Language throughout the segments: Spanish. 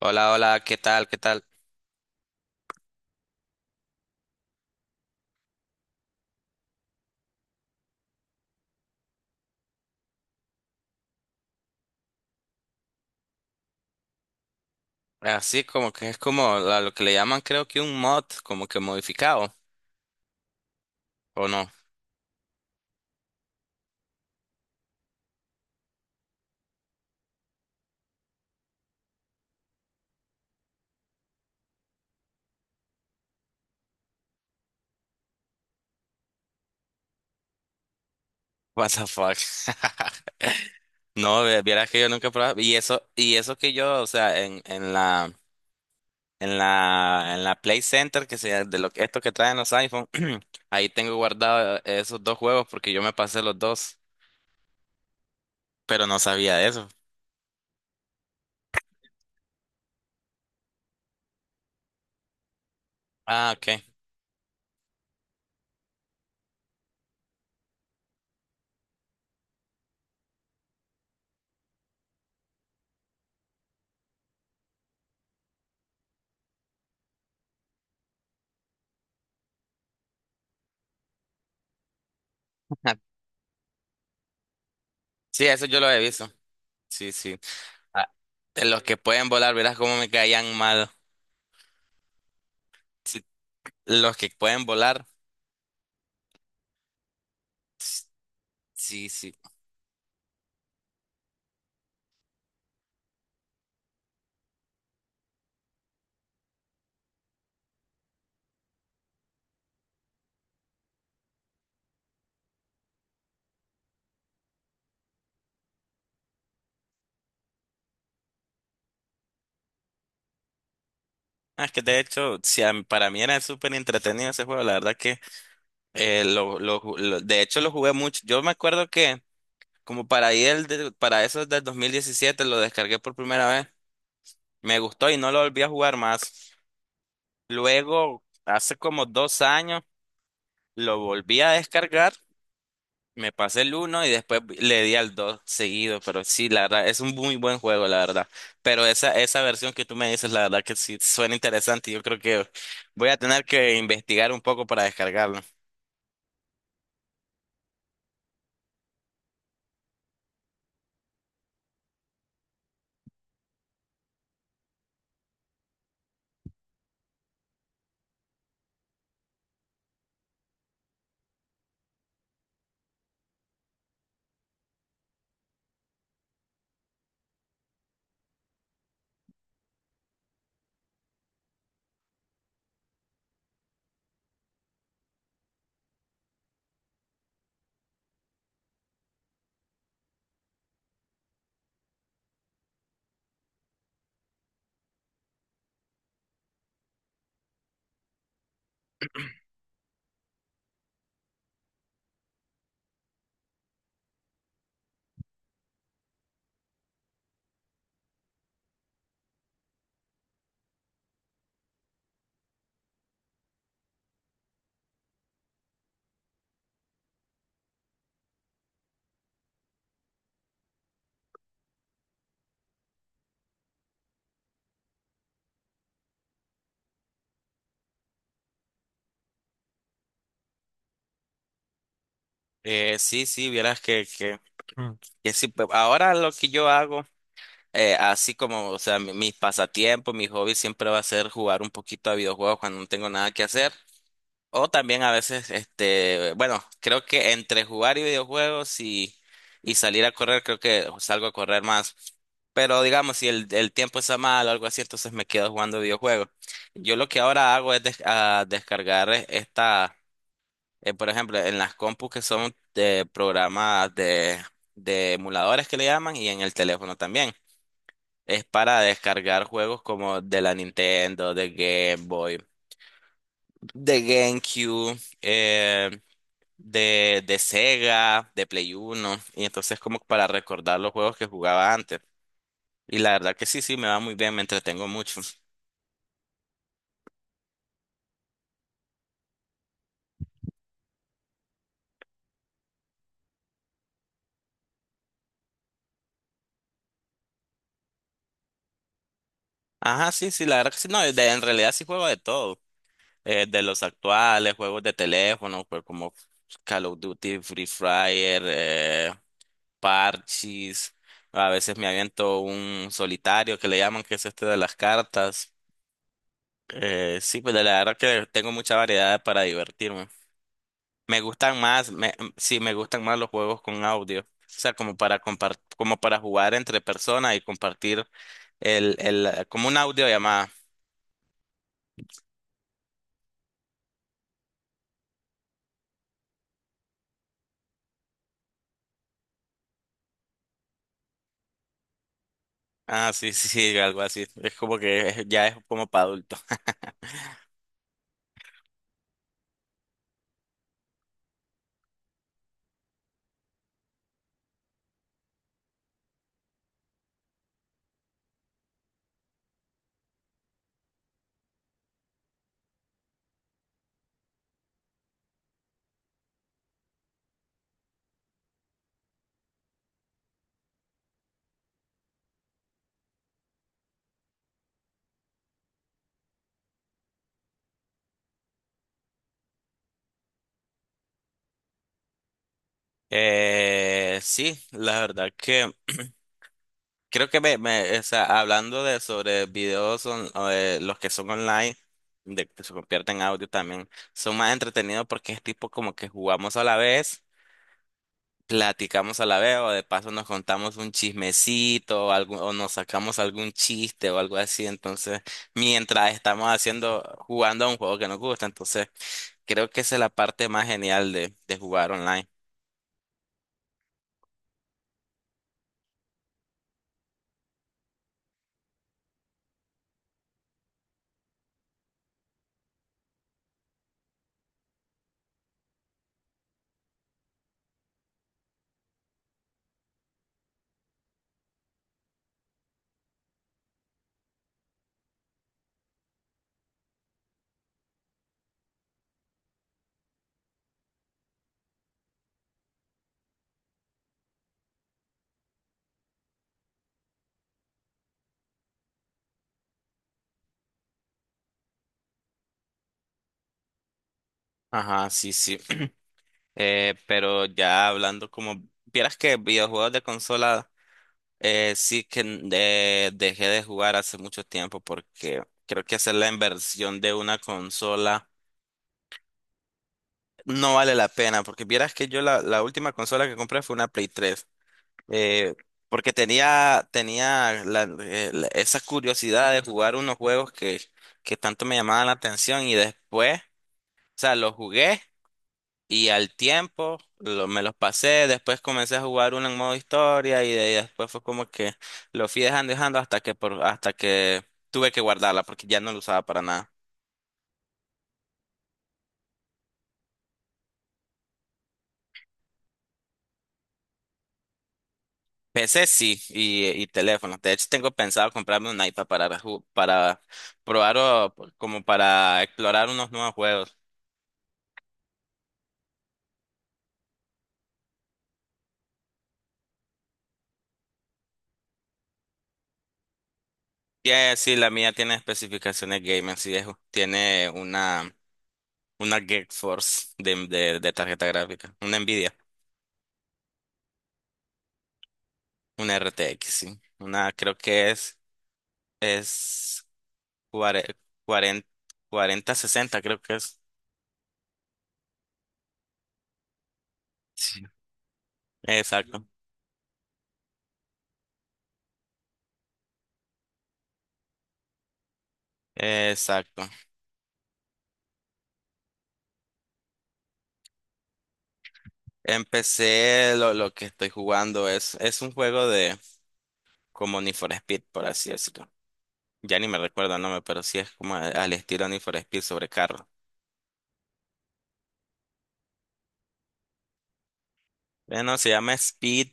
Hola, hola, ¿qué tal? ¿Qué tal? Así como que es como lo que le llaman, creo que un mod, como que modificado, ¿o no? What the fuck. No, vieras que yo nunca he probado. Y eso que yo, o sea, en la Play Center, que sea de lo que esto que traen los iPhone, ahí tengo guardado esos dos juegos porque yo me pasé los dos, pero no sabía de eso. Ah, ok. Sí, eso yo lo he visto. Sí, sí. Ah, de los que pueden volar, verás cómo me caían mal. Sí, los que pueden volar. Sí, sí. Ah, es que de hecho, sí, para mí era súper entretenido ese juego. La verdad que de hecho lo jugué mucho. Yo me acuerdo que como para ahí para eso del 2017 lo descargué por primera vez. Me gustó y no lo volví a jugar más. Luego, hace como dos años, lo volví a descargar. Me pasé el uno y después le di al 2 seguido, pero sí, la verdad, es un muy buen juego, la verdad. Pero esa versión que tú me dices, la verdad que sí suena interesante. Yo creo que voy a tener que investigar un poco para descargarlo. Sí, sí, vieras mm, que sí. Ahora lo que yo hago, así como, o sea, mis pasatiempos, mi hobby siempre va a ser jugar un poquito a videojuegos cuando no tengo nada que hacer. O también a veces, este, bueno, creo que entre jugar y videojuegos y salir a correr, creo que salgo a correr más. Pero digamos, si el tiempo está mal o algo así, entonces me quedo jugando videojuegos. Yo lo que ahora hago es des- a descargar esta, por ejemplo, en las compus que son de programas de emuladores que le llaman y en el teléfono también. Es para descargar juegos como de la Nintendo, de Game Boy, de GameCube, de Sega, de Play Uno, y entonces como para recordar los juegos que jugaba antes. Y la verdad que sí, sí, me va muy bien, me entretengo mucho. Ajá, sí, sí, la verdad que sí, no, en realidad sí juego de todo, de los actuales, juegos de teléfono, pues como Call of Duty, Free Fire, Parchís, a veces me aviento un solitario que le llaman, que es este de las cartas. Sí, pues la verdad que tengo mucha variedad para divertirme. Me gustan más, sí, me gustan más los juegos con audio. O sea, como para como para jugar entre personas y compartir como una audiollamada. Ah, sí, sí, sí, algo así. Es como que ya es como para adultos. Sí, la verdad que creo que o sea, hablando de sobre los que son online, de que se convierten en audio también, son más entretenidos porque es tipo como que jugamos a la vez. Platicamos a la vez o de paso nos contamos un chismecito o, o nos sacamos algún chiste o algo así. Entonces, mientras estamos haciendo, jugando a un juego que nos gusta, entonces creo que esa es la parte más genial de jugar online. Ajá, sí, sí. Pero ya hablando como, vieras que videojuegos de consola, sí que dejé de jugar hace mucho tiempo porque creo que hacer la inversión de una consola no vale la pena, porque vieras que yo la última consola que compré fue una Play 3, eh, porque tenía, tenía esa curiosidad de jugar unos juegos que tanto me llamaban la atención y después, o sea, los jugué y al tiempo me los pasé, después comencé a jugar uno en modo historia y, de, ahí después fue como que lo fui dejando dejando hasta que, por, hasta que tuve que guardarla porque ya no lo usaba para nada. PC sí, y teléfono. De hecho, tengo pensado comprarme un iPad para, para probar o como para explorar unos nuevos juegos. Que sí, la mía tiene especificaciones gaming, sí, tiene una GeForce de tarjeta gráfica, una Nvidia, una RTX, sí. Una creo que es cuarenta 4060 creo que es. Sí. Exacto. Exacto. Empecé lo que estoy jugando es un juego de, como Need for Speed, por así decirlo. Ya ni me recuerdo el nombre, pero sí es como al estilo Need for Speed sobre carro. No, se llama Speed,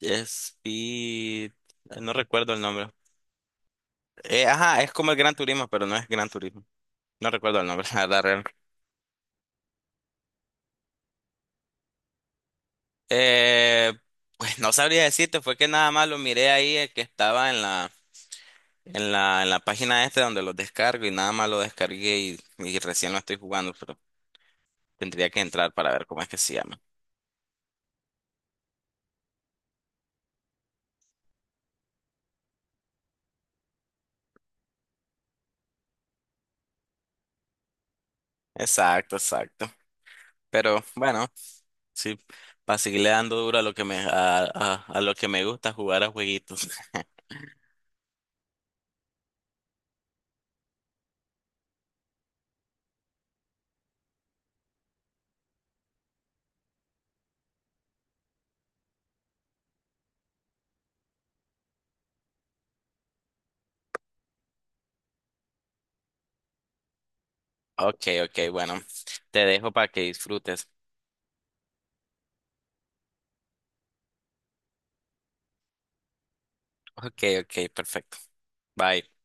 Speed, no recuerdo el nombre. Ajá, es como el Gran Turismo, pero no es Gran Turismo. No recuerdo el nombre, la verdad, real. Eh, pues no sabría decirte, fue que nada más lo miré ahí, que estaba en la, en la página este donde lo descargo y nada más lo descargué y recién lo estoy jugando, pero tendría que entrar para ver cómo es que se llama. Exacto, exacto. Pero bueno. Sí, para seguirle dando duro a lo que me, a lo que me gusta jugar a jueguitos. Ok, ok, bueno, te dejo para que disfrutes. Ok, ok, perfecto. Bye.